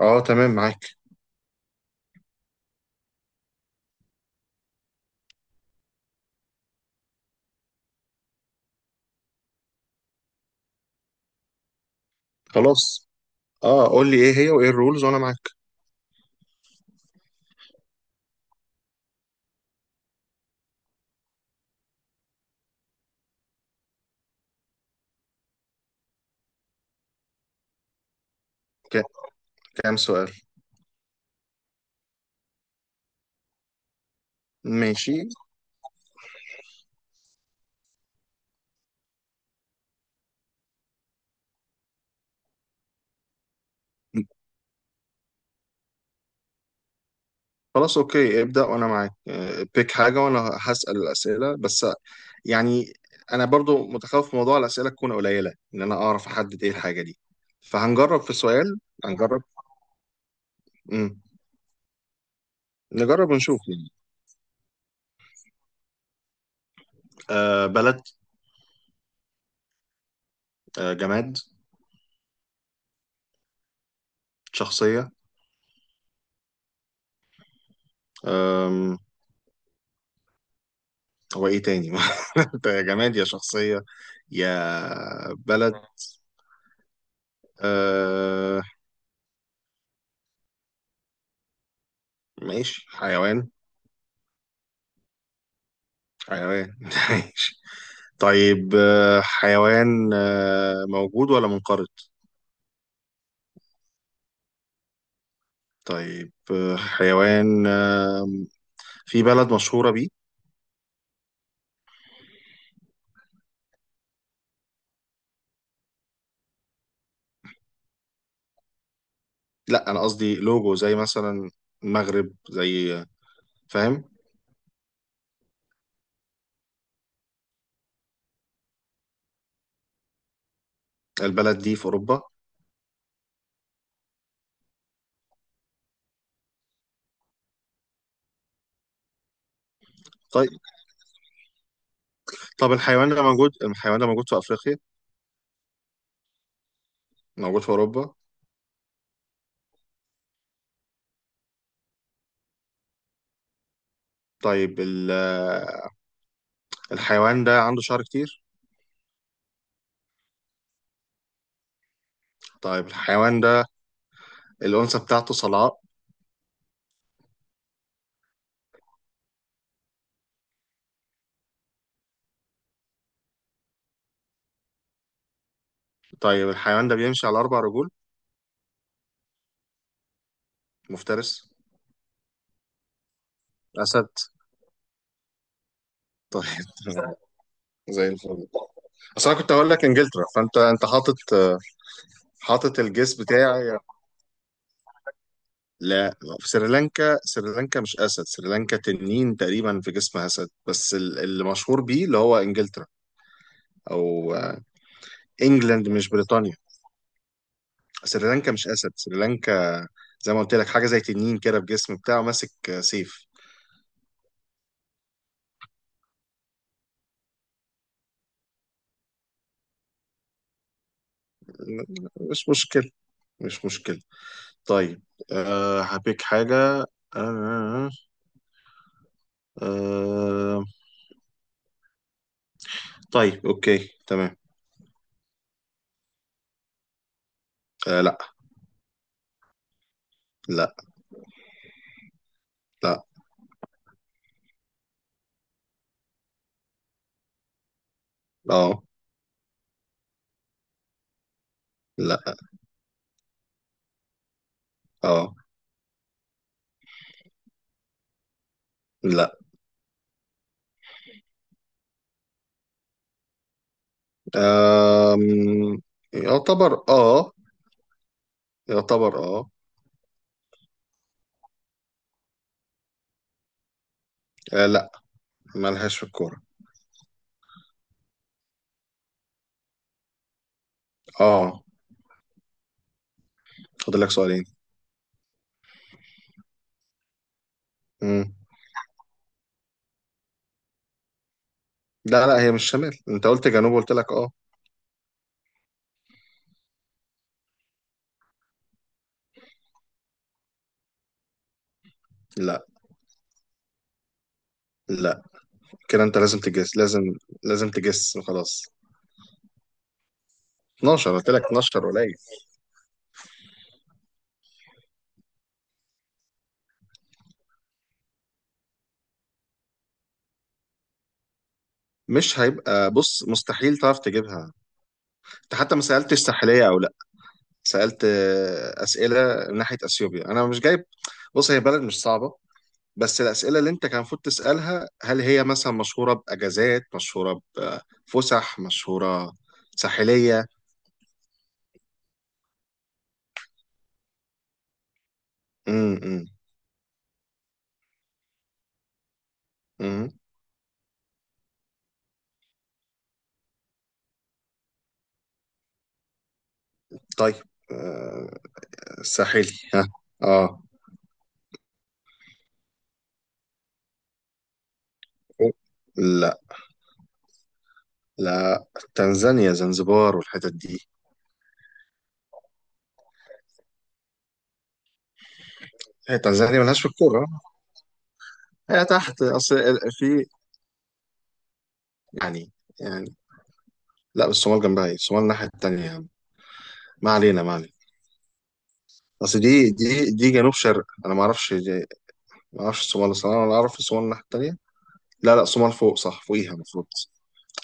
اه، تمام معاك. خلاص. اه، قول لي ايه هي وايه الرولز وانا معاك. ك- كام سؤال؟ ماشي. خلاص، اوكي، ابدأ وانا معاك، بيك حاجة وانا هسأل الأسئلة بس يعني. انا برضو متخوف من موضوع الأسئلة تكون قليلة ان انا اعرف احدد ايه الحاجة دي. فهنجرب في سؤال، هنجرب. مم. نجرب ونشوف يعني. آه، بلد؟ آه، جماد؟ شخصية؟ آم، هو ايه تاني؟ انت يا جماد يا شخصية، يا بلد؟ آه، ماشي، حيوان. حيوان ماشي. طيب، حيوان، موجود ولا منقرض؟ طيب، حيوان في بلد مشهورة بيه؟ لا، أنا قصدي لوجو زي مثلا المغرب، زي. فاهم؟ البلد دي في أوروبا؟ طيب. طب، الحيوان ده موجود في أفريقيا؟ موجود في أوروبا؟ طيب، الحيوان ده عنده شعر كتير؟ طيب، الحيوان ده الأنثى بتاعته صلعاء؟ طيب، الحيوان ده بيمشي على أربع رجول؟ مفترس؟ أسد؟ طيب تمام. زي الفل. اصل انا كنت هقول لك انجلترا، فانت حاطط حاطط الجيس بتاعي. لا، في سريلانكا. سريلانكا مش اسد، سريلانكا تنين تقريبا في جسم اسد بس اللي مشهور بيه اللي هو انجلترا، او انجلاند، مش بريطانيا. سريلانكا مش اسد، سريلانكا زي ما قلت لك حاجه زي تنين كده في جسم بتاعه ماسك سيف. مش مشكله، مش مشكله. طيب، أه، هبيك حاجه. أه، أه، أه. طيب، اوكي، تمام. آه، لا. لا. لا. اه. لا. اه. لا. آم، يعتبر اه، يعتبر اه. لا، مالهاش في الكورة. اه. فاضل لك سؤالين. مم. لا، لا، هي مش شمال، انت قلت جنوب، قلت لك اه. لا. لا، كده انت لازم تجس، لازم. لازم تجس، خلاص. 12 قلت لك، 12 قليل. مش هيبقى، بص مستحيل تعرف تجيبها. انت حتى ما سألتش ساحلية او لا. سألت أسئلة من ناحية أثيوبيا، أنا مش جايب. بص، هي بلد مش صعبة. بس الأسئلة اللي أنت كان المفروض تسألها هل هي مثلا مشهورة بأجازات، مشهورة بفسح، مشهورة، ساحلية. امم امم طيب، آه، ساحلي ها؟ اه. لا، لا. تنزانيا، زنزبار والحتت دي. هي تنزانيا ملهاش في الكورة؟ هي تحت، أصل في يعني يعني. لا، الصومال جنبها ايه؟ الصومال الناحية التانية يا عم. ما علينا، ما علينا. اصل دي جنوب شرق، انا ما اعرفش. ما اعرفش الصومال، الصراحه انا اعرف الصومال الناحيه التانيه. لا، لا، الصومال فوق، صح؟ فوقيها المفروض.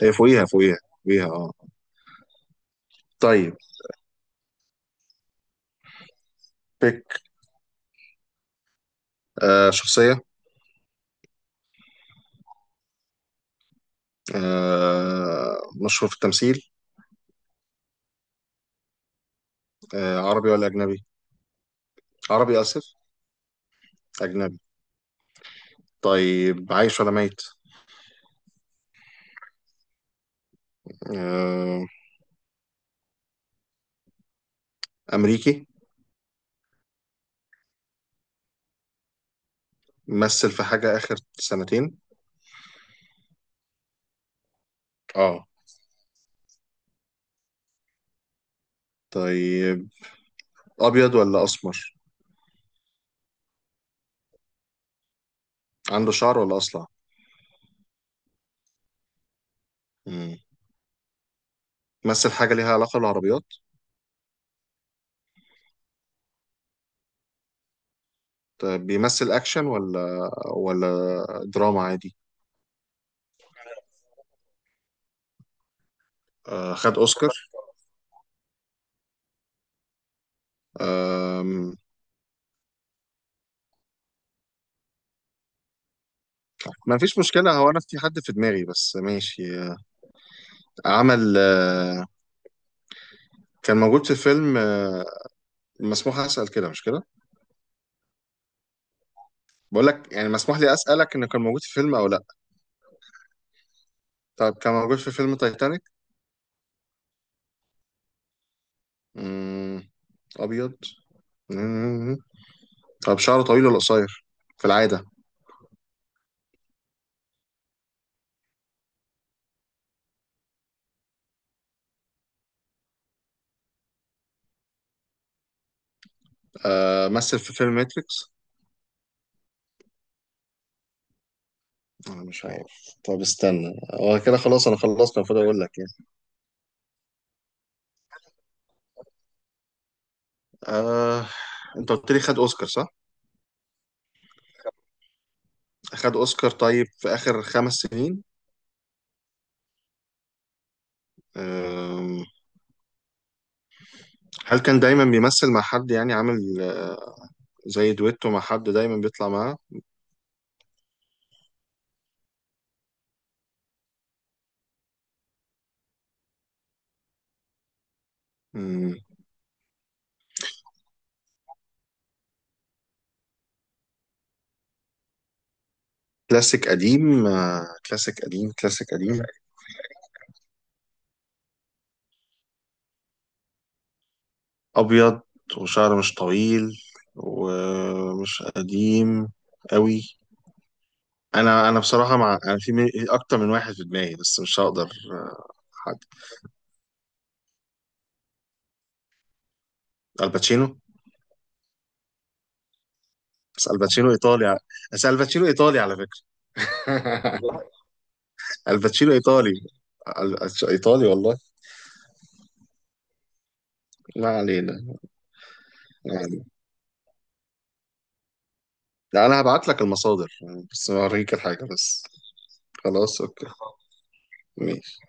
هي فوقيها، فوقيها. فوقيها اه. طيب. بيك. آه، شخصيه. آه. مشهور في التمثيل؟ آه، عربي ولا اجنبي؟ عربي؟ اسف. اجنبي؟ طيب، عايش ولا ميت؟ آه. امريكي؟ مثل في حاجه اخر سنتين؟ اه. طيب. ابيض ولا اسمر؟ عنده شعر ولا اصلع؟ مم. مثل حاجه ليها علاقه بالعربيات؟ طيب، بيمثل اكشن ولا دراما عادي؟ خد اوسكار؟ آم، ما فيش مشكله، هو انا في حد في دماغي بس ماشي، عمل كان موجود في فيلم مسموح اسال كده مش كده؟ بقول لك يعني مسموح لي اسالك انه كان موجود في فيلم او لا. طب كان موجود في فيلم تايتانيك؟ مم، ابيض. مم، طب شعره طويل ولا قصير في العاده؟ مثل في فيلم ماتريكس؟ انا مش عارف. طب استنى. هو كده خلاص، انا خلصت، المفروض اقول لك يعني. آه، انت قلت لي خد اوسكار، صح؟ خد اوسكار. طيب، في اخر خمس سنين؟ آه، هل كان دايما بيمثل مع حد يعني عامل زي دويتو مع حد دايما بيطلع معاه؟ مم، كلاسيك قديم، كلاسيك قديم، كلاسيك قديم. ابيض، وشعر مش طويل، ومش قديم قوي. انا بصراحة، مع انا في اكتر من واحد في دماغي بس مش هقدر. حد. الباتشينو. بس الباتشينو ايطالي. بس الباتشينو ايطالي على فكره. الباتشينو ايطالي. ايطالي والله. ما علينا، ما علينا. لا، انا هبعت لك المصادر، بس اوريك الحاجه بس. خلاص، اوكي. ماشي.